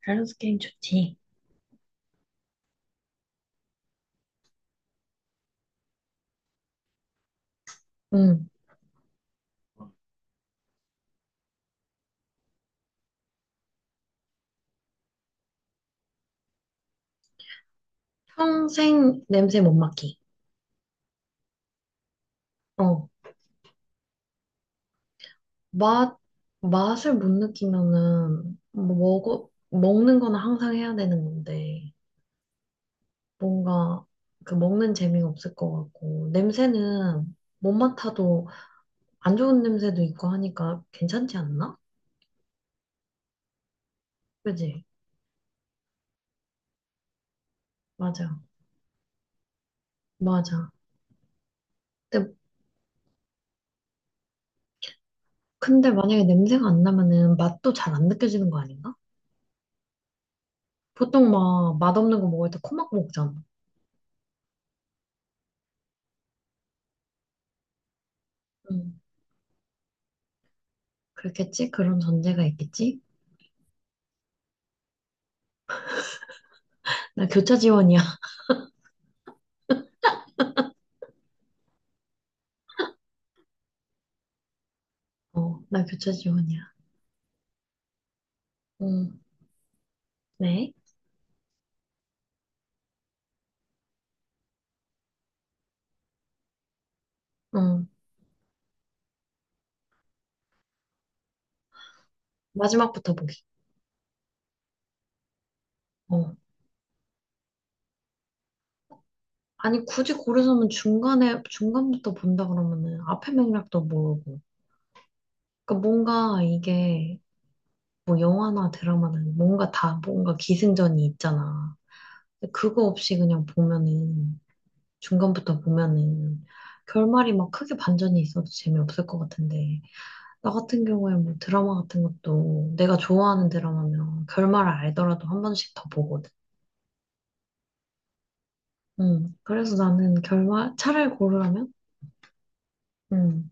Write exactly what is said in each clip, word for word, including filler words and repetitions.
밸런스 게임 좋지. 응. 평생 냄새 못 맡기. 어. 맛, 맛을 못 느끼면은, 먹어, 먹는 거는 항상 해야 되는 건데, 뭔가, 그 먹는 재미가 없을 것 같고, 냄새는 못 맡아도 안 좋은 냄새도 있고 하니까 괜찮지 않나? 그지? 맞아. 맞아. 근데, 근데 만약에 냄새가 안 나면은 맛도 잘 안 느껴지는 거 아닌가? 보통 막 맛없는 거 먹을 때 코 막고 먹잖아. 그렇겠지? 그런 전제가 있겠지? 나 교차 지원이야. 어, 나 교차 지원이야. 응, 네. 응, 마지막부터 보기. 어. 아니, 굳이 고르자면 중간에, 중간부터 본다 그러면은 앞에 맥락도 모르고. 그러니까 뭔가 이게 뭐 영화나 드라마는 뭔가 다 뭔가 기승전이 있잖아. 근데 그거 없이 그냥 보면은, 중간부터 보면은 결말이 막 크게 반전이 있어도 재미없을 것 같은데. 나 같은 경우에 뭐 드라마 같은 것도 내가 좋아하는 드라마면 결말을 알더라도 한 번씩 더 보거든. 음. 그래서 나는 결말, 차라리 고르라면? 음.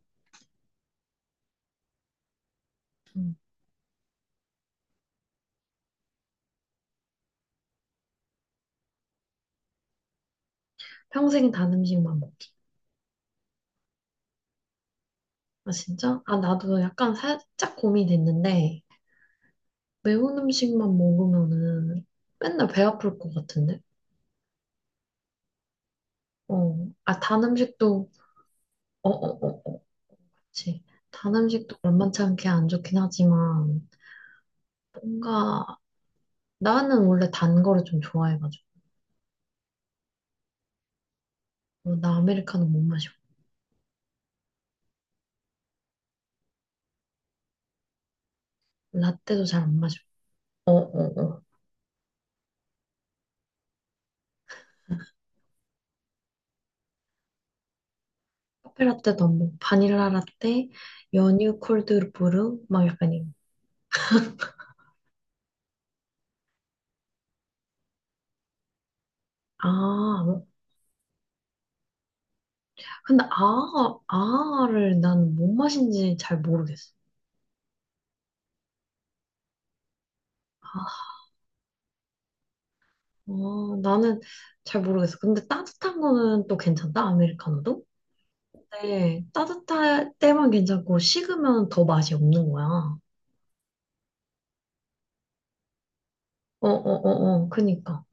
음. 평생 단 음식만 먹기. 아, 진짜? 아, 나도 약간 살짝 고민됐는데, 매운 음식만 먹으면은 맨날 배 아플 것 같은데? 어. 아, 단 음식도, 어, 어, 어, 어. 그치. 단 음식도 만만치 않게 안 좋긴 하지만, 뭔가, 나는 원래 단 거를 좀 좋아해가지고. 어, 나 아메리카노 못 마셔. 라떼도 잘 안 마셔. 어, 어, 어. 커피 라떼도 안 먹고 바닐라 라떼, 연유 콜드브루 막 약간 이 아, 뭐. 근데 아, 아를 나는 뭔 맛인지 잘 모르겠어. 아, 어, 나는 잘 모르겠어. 근데 따뜻한 거는 또 괜찮다, 아메리카노도? 근데 따뜻할 때만 괜찮고 식으면 더 맛이 없는 거야. 어, 어, 어, 어. 그니까.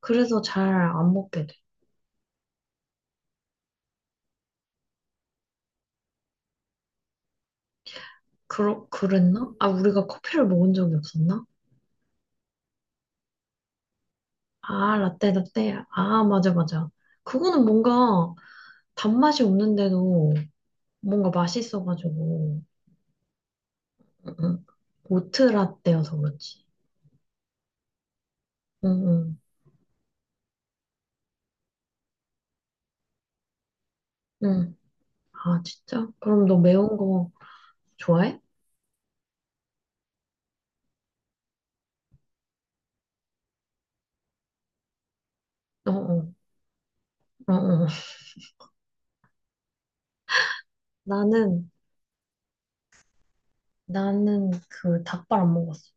그래서 잘 안 먹게 돼. 그러, 그랬나? 아, 우리가 커피를 먹은 적이 없었나? 아, 라떼, 라떼. 아, 맞아, 맞아. 그거는 뭔가 단맛이 없는데도 뭔가 맛있어가지고. 응, 응. 오트 라떼여서 그렇지. 응, 응, 응. 아, 진짜? 그럼 너 매운 거 좋아해? 어, 어, 어, 어. 어. 나는, 나는 그 닭발 안 먹었어.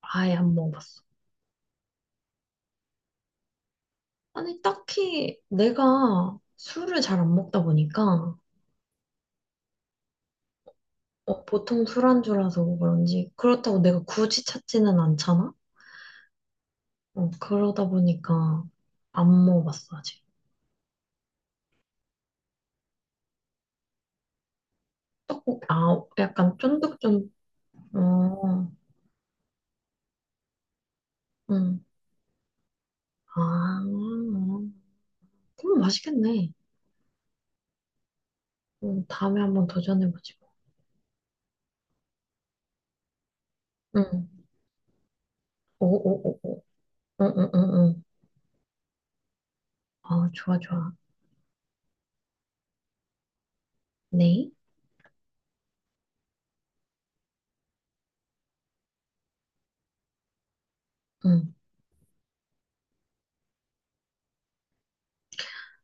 아예 안 먹어봤어. 아니, 딱히 내가 술을 잘 안 먹다 보니까, 어, 보통 술안주라서 그런지, 그렇다고 내가 굳이 찾지는 않잖아? 어, 그러다 보니까 안 먹어봤어, 아직. 떡국, 아, 약간 쫀득쫀득, 어, 응. 아, 그럼 맛있겠네. 응, 다음에 한번 도전해보지 뭐. 응. 오, 오, 오, 오. 응, 응, 응, 응. 아, 좋아, 좋아. 네. 응.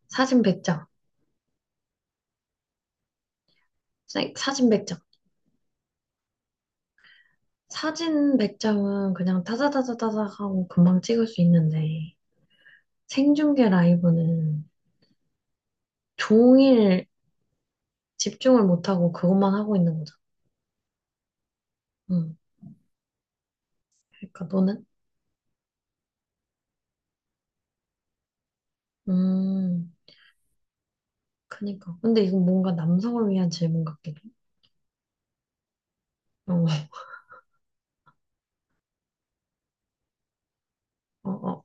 사진 백 장. 사진 백 장. 사진 백 장은 그냥 타자타자타자 하고 금방 찍을 수 있는데, 생중계 라이브는 종일 집중을 못하고 그것만 하고 있는 거잖아. 응. 그러니까 너는? 음, 그니까. 근데 이건 뭔가 남성을 위한 질문 같기도. 어, 어, 어, 어.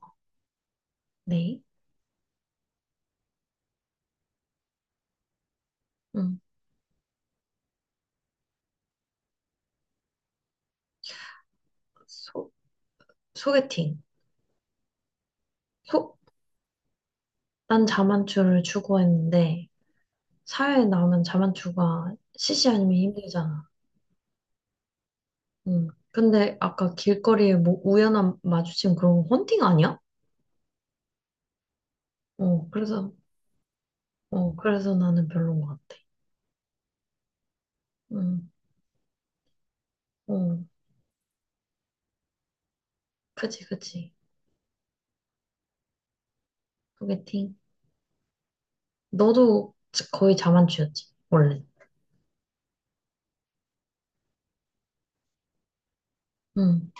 네. 음, 소, 소개팅. 소, 난 자만추를 추구했는데, 사회에 나오면 자만추가 시시 아니면 힘들잖아. 음, 근데 아까 길거리에 뭐 우연한 마주침 그런 거 헌팅 아니야? 어, 그래서, 어, 그래서 나는 별론 것 같아. 음, 어, 그치, 그치. 소개팅. 너도 거의 자만추였지, 원래. 응,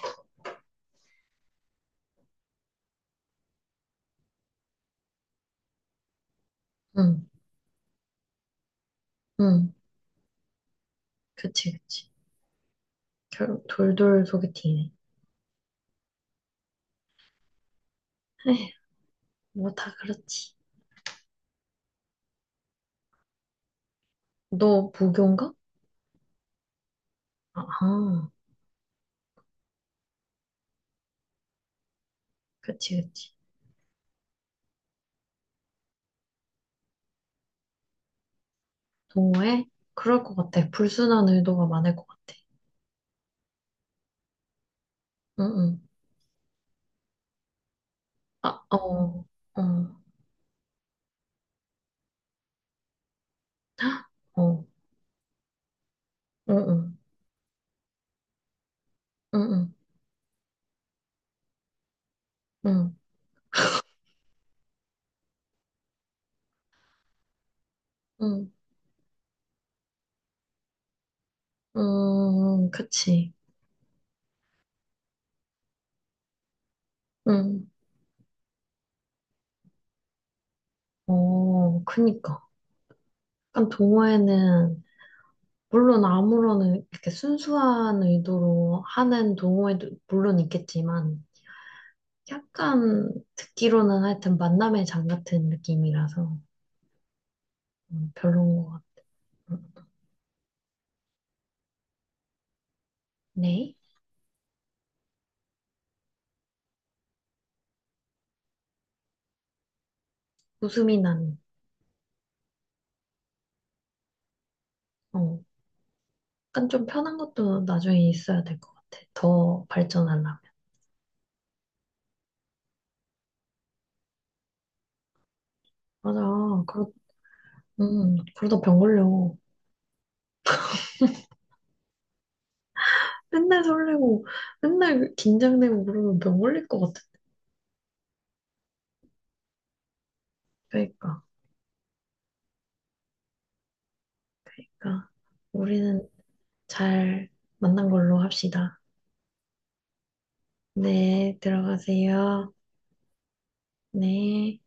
응, 응. 그치, 그치. 결국 돌돌 소개팅이네. 에휴, 뭐 다 그렇지. 너 무교인가? 아하, 그치, 그치. 동호회? 그럴 것 같아. 불순한 의도가 많을 것 같아. 응, 응. 아, 어, 어, 어, 어, 응, 응, 응, 응, 응, 응, 응, 응, 그치. 응, 어, 그니까. 약간 동호회는, 물론 아무런, 이렇게 순수한 의도로 하는 동호회도 물론 있겠지만, 약간 듣기로는 하여튼 만남의 장 같은 느낌이라서 음, 별인것 같아. 네? 웃음이 나는. 어, 약간 좀 편한 것도 나중에 있어야 될 것 같아. 더 발전하려면. 맞아. 그러, 음, 그러다 병 걸려. 맨날 설레고, 맨날 긴장되고 그러면 병 걸릴 것 같아. 그러니까. 그러니까 우리는 잘 만난 걸로 합시다. 네, 들어가세요. 네.